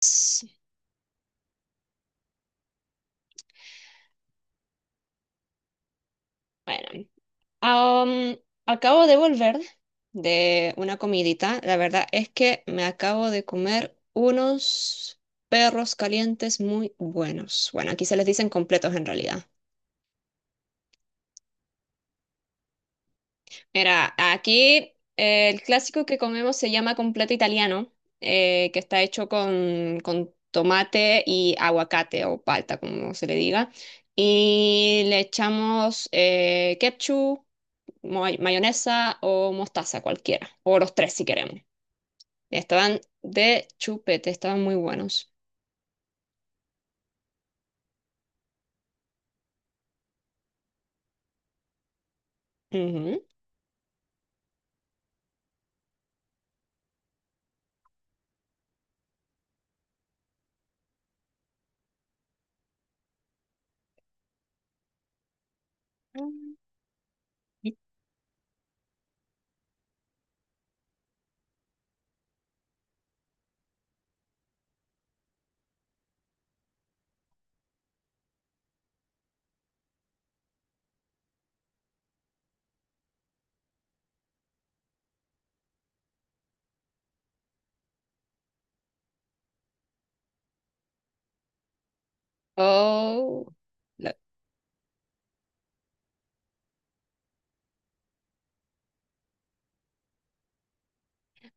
Sí. Bueno, am, acabo de volver de una comidita. La verdad es que me acabo de comer unos perros calientes muy buenos. Bueno, aquí se les dicen completos en realidad. Mira, aquí el clásico que comemos se llama completo italiano, que está hecho con tomate y aguacate o palta, como se le diga. Y le echamos ketchup. Mayonesa o mostaza, cualquiera, o los tres si queremos. Estaban de chupete, estaban muy buenos. Ujú. Mm. Oh.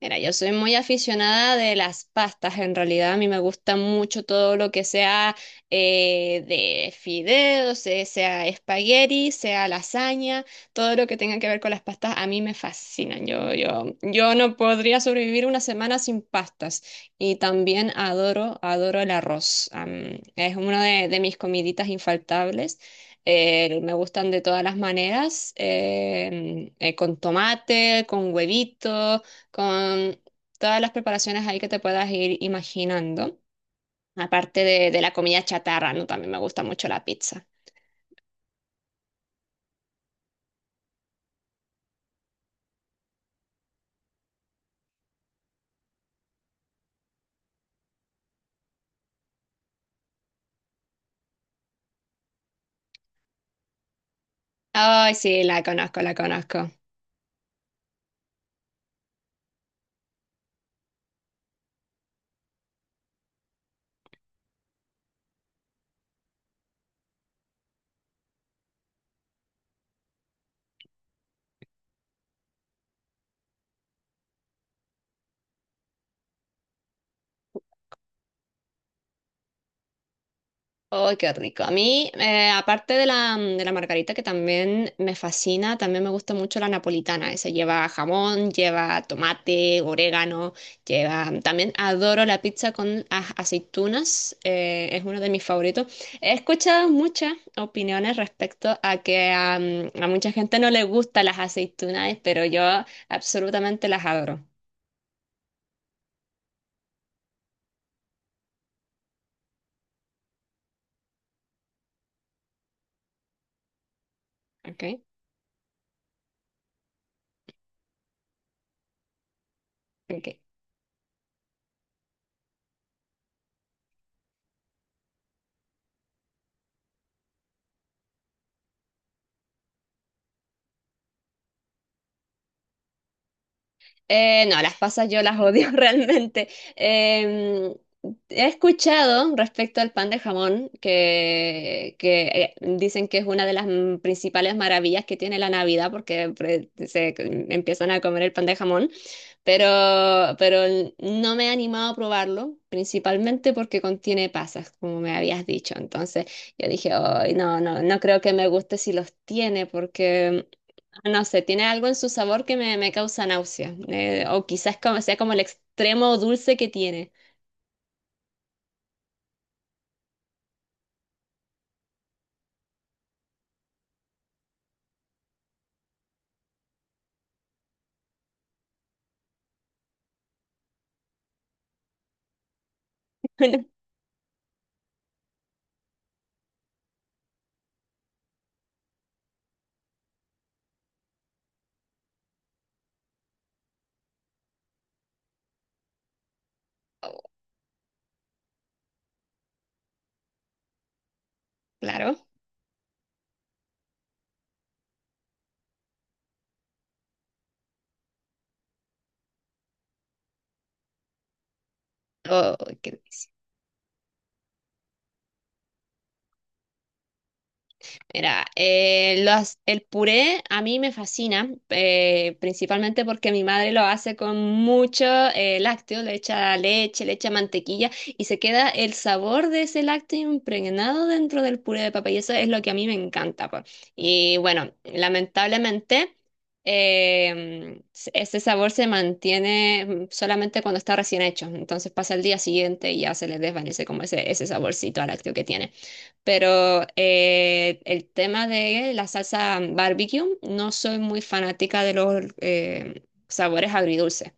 Mira, yo soy muy aficionada de las pastas, en realidad a mí me gusta mucho todo lo que sea de fideos, sea espagueti, sea lasaña, todo lo que tenga que ver con las pastas a mí me fascinan. Yo no podría sobrevivir una semana sin pastas y también adoro el arroz. Es una de mis comiditas infaltables. Me gustan de todas las maneras, con tomate, con huevito con todas las preparaciones ahí que te puedas ir imaginando, aparte de la comida chatarra, ¿no? También me gusta mucho la pizza. Ay, sí, la conozco, la conozco. ¡Ay, qué rico! A mí, aparte de la, de la margarita que también me fascina, también me gusta mucho la napolitana. Esa lleva jamón, lleva tomate, orégano, lleva... mm, también adoro la pizza con aceitunas, es uno de mis favoritos. He escuchado muchas opiniones respecto a que a mucha gente no le gustan las aceitunas, pero yo absolutamente las adoro. ¿Ok? Ok. No, las pasas yo las odio realmente. Em, He escuchado respecto al pan de jamón que dicen que es una de las principales maravillas que tiene la Navidad porque se empiezan a comer el pan de jamón, pero no me he animado a probarlo, principalmente porque contiene pasas, como me habías dicho. Entonces yo dije, "Ay, no, no, no creo que me guste si los tiene porque no sé, tiene algo en su sabor que me causa náusea. O quizás como, sea como el extremo dulce que tiene". Claro. Qué delicia. Mira, el puré a mí me fascina, principalmente porque mi madre lo hace con mucho lácteo, le echa leche, le echa mantequilla y se queda el sabor de ese lácteo impregnado dentro del puré de papa y eso es lo que a mí me encanta. Po. Y bueno, lamentablemente eh, ese sabor se mantiene solamente cuando está recién hecho, entonces pasa el día siguiente y ya se le desvanece como ese saborcito a lácteo que tiene. Pero el tema de la salsa barbecue, no soy muy fanática de los sabores agridulces.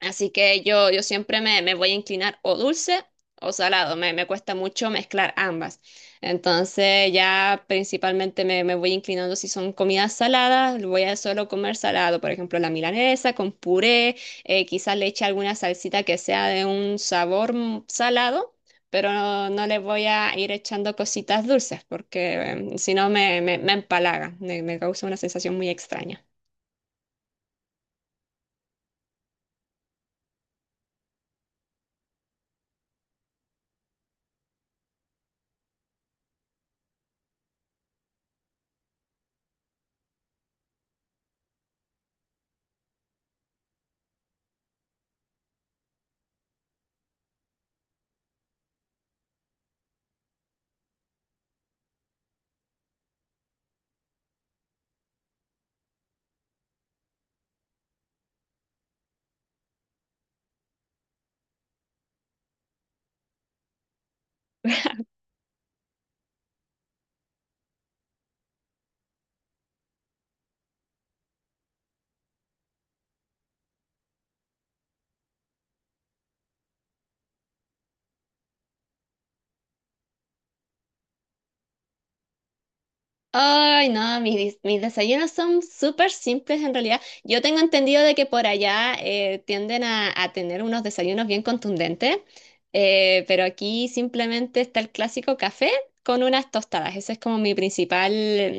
Así que yo siempre me voy a inclinar o dulce o salado. Me cuesta mucho mezclar ambas. Entonces ya principalmente me voy inclinando si son comidas saladas, voy a solo comer salado. Por ejemplo, la milanesa con puré, quizás le eche alguna salsita que sea de un sabor salado. Pero no, no le voy a ir echando cositas dulces porque si no me empalaga, me causa una sensación muy extraña. Ay, no, mis desayunos son súper simples en realidad. Yo tengo entendido de que por allá tienden a tener unos desayunos bien contundentes, pero aquí simplemente está el clásico café con unas tostadas. Ese es como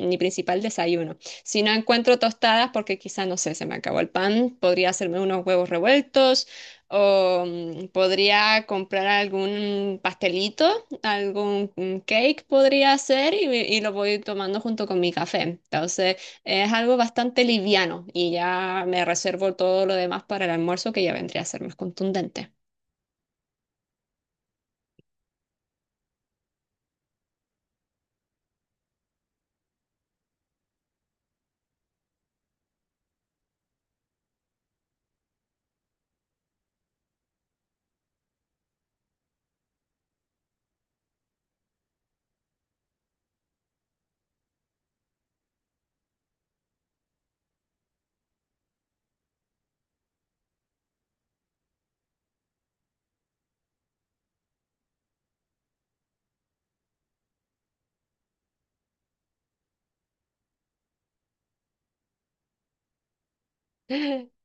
mi principal desayuno. Si no encuentro tostadas, porque quizá, no sé, se me acabó el pan, podría hacerme unos huevos revueltos o podría comprar algún pastelito algún un cake podría ser y lo voy tomando junto con mi café. Entonces es algo bastante liviano y ya me reservo todo lo demás para el almuerzo que ya vendría a ser más contundente.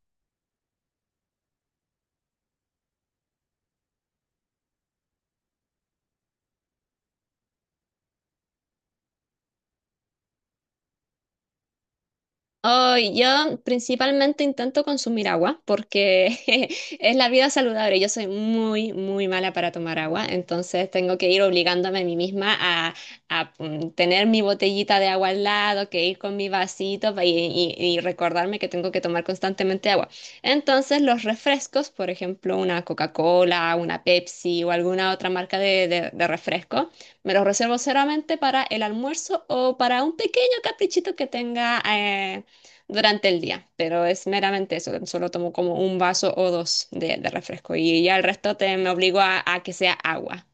Hoy yo principalmente intento consumir agua porque es la vida saludable. Yo soy muy mala para tomar agua, entonces tengo que ir obligándome a mí misma a tener mi botellita de agua al lado, que ir con mi vasito y recordarme que tengo que tomar constantemente agua. Entonces los refrescos, por ejemplo, una Coca-Cola, una Pepsi o alguna otra marca de, de refresco. Me los reservo solamente para el almuerzo o para un pequeño caprichito que tenga durante el día, pero es meramente eso, solo tomo como un vaso o dos de refresco y ya el resto me obligo a que sea agua.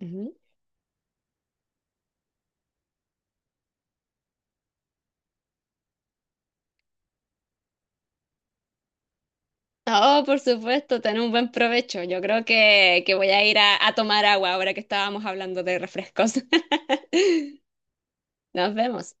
Ujú. Oh, por supuesto, tener un buen provecho. Yo creo que voy a ir a tomar agua ahora que estábamos hablando de refrescos. Nos vemos.